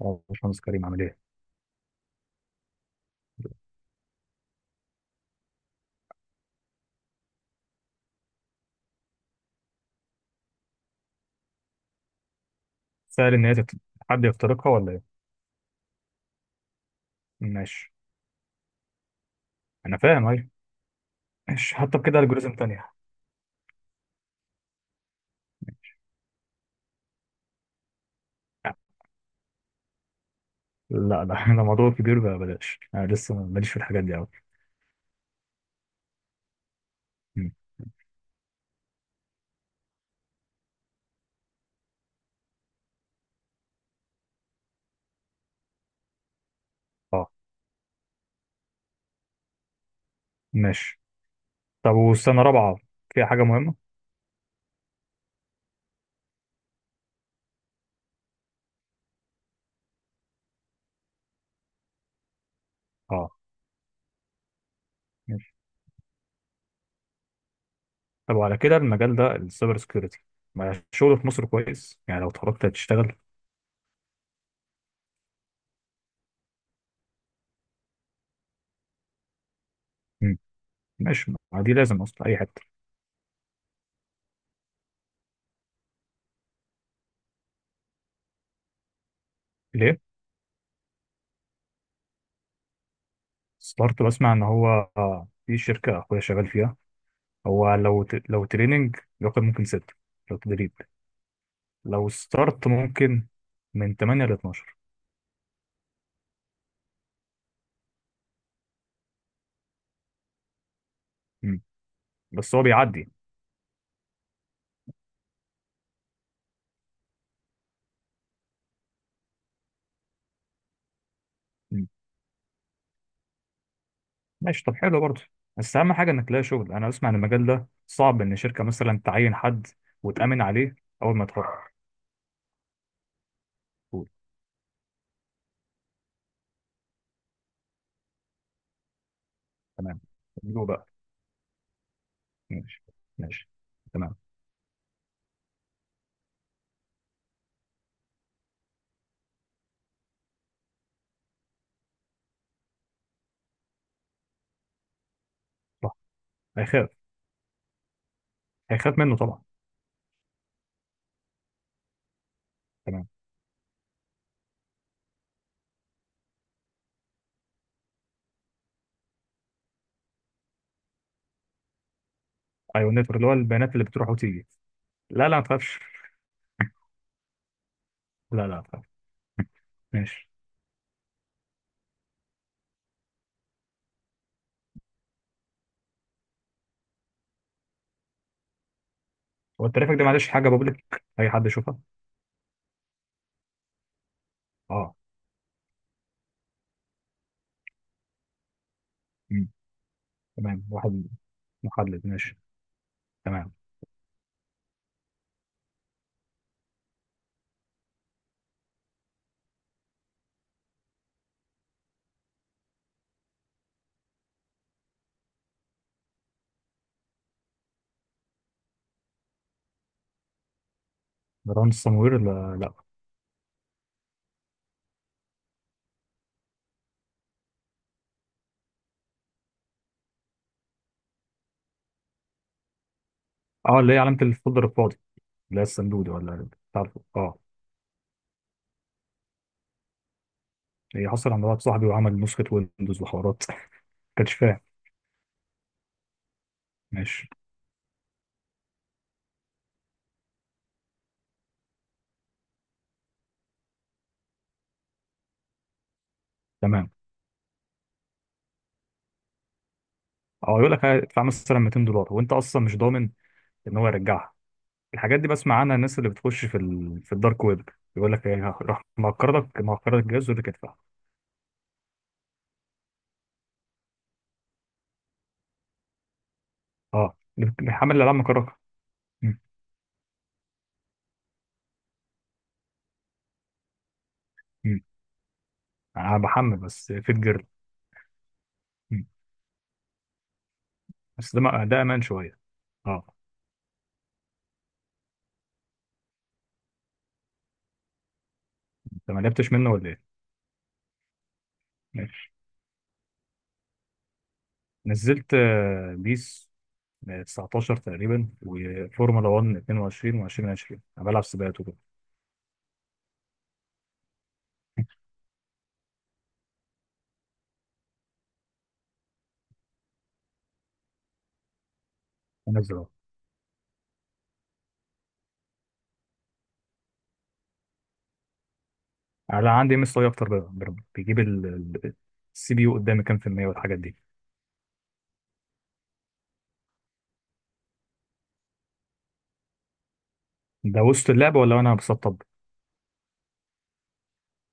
اه باشمهندس كريم عامل ايه؟ سهل ان هي تت- حد يخترقها ولا ايه؟ ماشي، انا فاهم. ايوه ماشي، حتى بكده الجوريزم تانية. لا لا انا موضوع كبير بقى بلاش، انا لسه ماليش في الحاجات دي قوي. اه ماشي. طب والسنة رابعة فيها حاجة مهمة؟ اه ماشي. طب وعلى كده المجال ده السايبر سكيورتي، ما الشغل في مصر كويس؟ يعني لو اتخرجت هتشتغل. مم. ماشي، ما دي لازم اصلا اي حتة. ليه؟ ستارت، بسمع ان هو في شركة اخويا شغال فيها، هو لو لو تريننج ياخد ممكن ستة، لو تدريب، لو ستارت ممكن من 8 ل 12. مم. بس هو بيعدي. مم. ماشي، طب حلو برضه. بس اهم حاجه انك تلاقي شغل، انا بسمع ان المجال ده صعب، ان شركه مثلا تعين حد وتامن عليه اول ما يتخرج. قول. تمام. له بقى. ماشي. ماشي. تمام. صح. هيخاف، هيخاف منه طبعا. تمام. ايوه، النتورك اللي هو البيانات اللي بتروح وتيجي. لا لا ما تخافش. لا لا ما تخافش. ماشي. هو الترافيك ده معلش حاجه بابليك اي حد يشوفها؟ اه. تمام، واحد محدد، ماشي. تمام. جدران السموير، لا لا. اه، اللي هي علامة الفولدر الفاضي، اللي هي الصندوق ولا بتاعته، اه. هي حصل عند واحد صاحبي وعمل نسخة ويندوز وحوارات ما كانش فاهم. ماشي. تمام. اه، يقول لك هتدفع مثلا 200 دولار وانت اصلا مش ضامن ان هو يرجعها. الحاجات دي بسمع عنها، الناس اللي بتخش في في الدارك ويب، يقول لك ايه، راح مهكر لك، مهكر لك الجهاز ويقول لك ادفع. اه، اللي بيحمل الالعاب مكركه. مم. مم. انا بحمل بس في الجيرل. مم. بس ده، ده امان شويه. اه. انت ما لعبتش منه ولا ايه؟ ماشي، نزلت بيس 19 تقريبا، وفورمولا 1 22 و2020، انا بلعب سباقات وكده. انزل اهو. انا عندي ام اس اي اكتر بقى، بيجيب السي بي يو قدامي كام في المية والحاجات دي. ده وسط اللعبة ولا وانا بسطب؟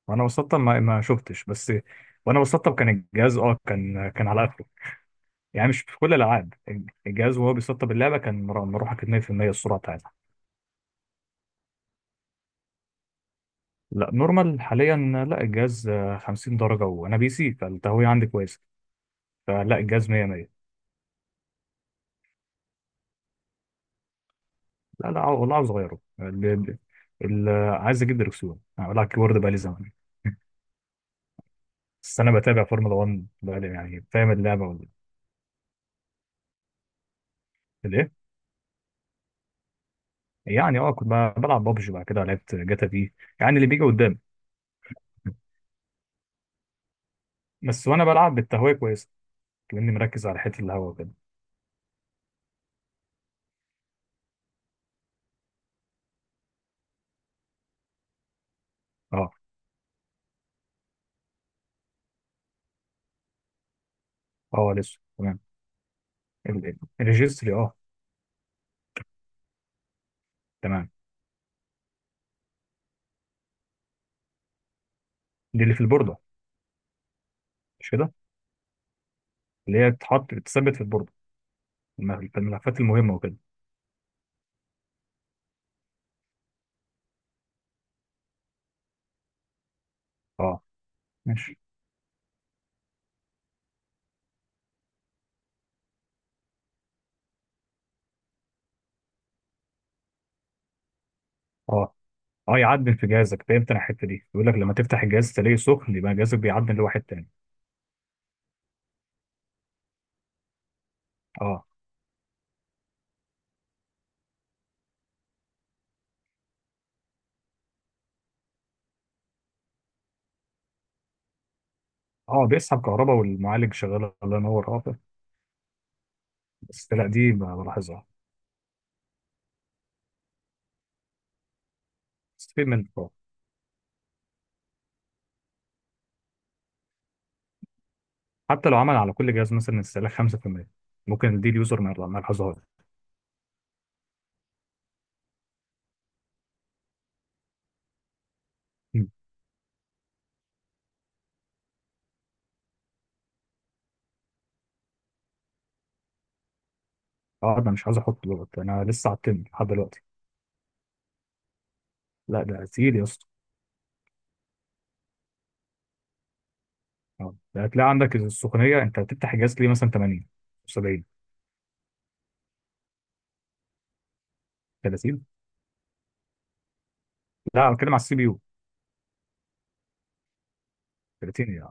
وانا بسطب ما شفتش، بس وانا بسطب كان الجهاز اه كان، كان على اخره. يعني مش في كل الالعاب، الجهاز وهو بيسطب اللعبة كان مروحة 2% السرعة بتاعتها. لا نورمال حاليا، لا الجهاز 50 درجة، وأنا بي سي فالتهوية عندي كويسة، فلا الجهاز 100 100. لا لا والله عاوز أغيره، عايز أجيب دركسيون، أنا بلعب كيبورد بقالي زمان بس أنا بتابع فورمولا 1 بقالي، يعني فاهم اللعبة ولا. الإيه؟ يعني أه كنت بلعب بابجي، بعد كده لعبت جاتا في، يعني اللي بيجي قدامي. بس وأنا بلعب بالتهوية كويسة لأني مركز على حتة الهوا وكده. أه، أه لسه تمام. الريجستري أه. تمام. دي اللي في البوردة مش كده؟ اللي هي تتحط تثبت في البوردة، في الملفات المهمه وكده. اه ماشي. اه، اه، يعدل في جهازك، فهمت انا الحته دي، بيقول لك لما تفتح الجهاز تلاقيه سخن يبقى جهازك بيعدل لواحد تاني. اه، اه، بيسحب كهرباء والمعالج شغال الله ينور، اه. بس لا، دي بلاحظها. استفيد منك اه. حتى لو عمل على كل جهاز مثلا استهلاك 5%، ممكن دي اليوزر ما يلاحظهاش. مم. اه ده مش عايز احط دلوقتي، انا لسه على التن لحد دلوقتي. لا ده تقيل يا اسطى. اه، ده هتلاقي عندك السخونيه، انت بتفتح الجهاز ليه مثلا 80 70 30. لا أنا بتكلم على السي بي يو. 30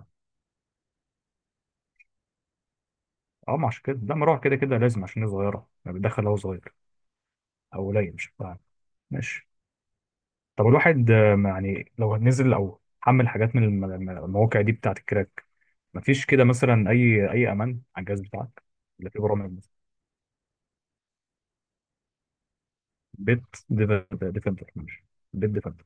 اه، ما عشان كده، لا مروحة كده كده لازم، عشان هي صغيرة يعني بتدخل هو صغير أو قليل، مش فاهم. ماشي. طب الواحد ما يعني لو نزل أو حمل حاجات من المواقع دي بتاعة الكراك، مفيش كده مثلا أي أي أمان على الجهاز بتاعك؟ اللي فيه برامج مثلا، بيت ديفندر، ماشي. بيت ديفندر،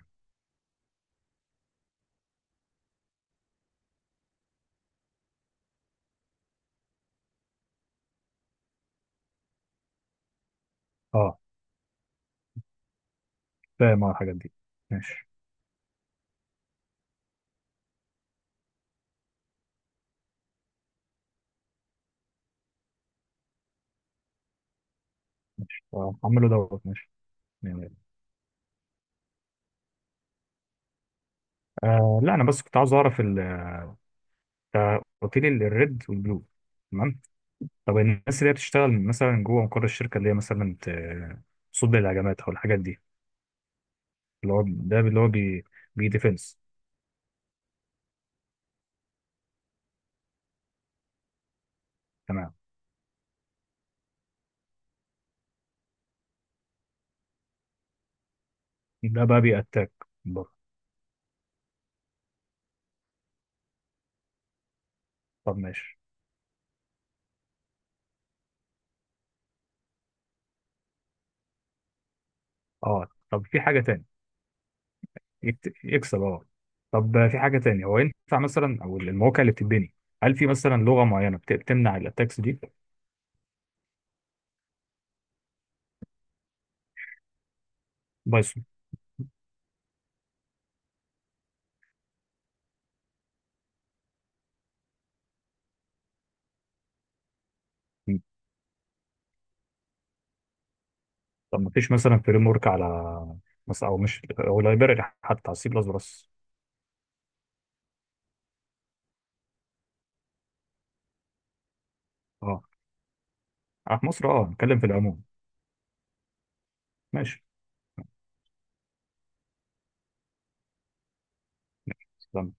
اه. فاهم أنا الحاجات دي. ماشي. ماشي حمله دوت، ماشي يعني. آه لا، أنا بس كنت عاوز أعرف قلت لي الريد والبلو. تمام. طب الناس اللي هي بتشتغل مثلا جوه مقر الشركة، اللي هي مثلا تصد الهجمات أو الحاجات دي؟ اللي هو ده اللي هو بي، بي ديفنس. تمام. ده بقى بي أتاك بره. طب ماشي. اه. طب في حاجة تاني، يكسب، اه. طب في حاجة تانية، هو ينفع مثلا أو المواقع اللي بتتبني، هل في مثلا لغة معينة بتمنع الأتاكس دي؟ بايثون. م. طب ما فيش مثلا فريم ورك على مثلا، أو مش، أو لايبرري حتى على سي بلس بلس؟ اه في مصر. اه، نتكلم في العموم. ماشي. تمام.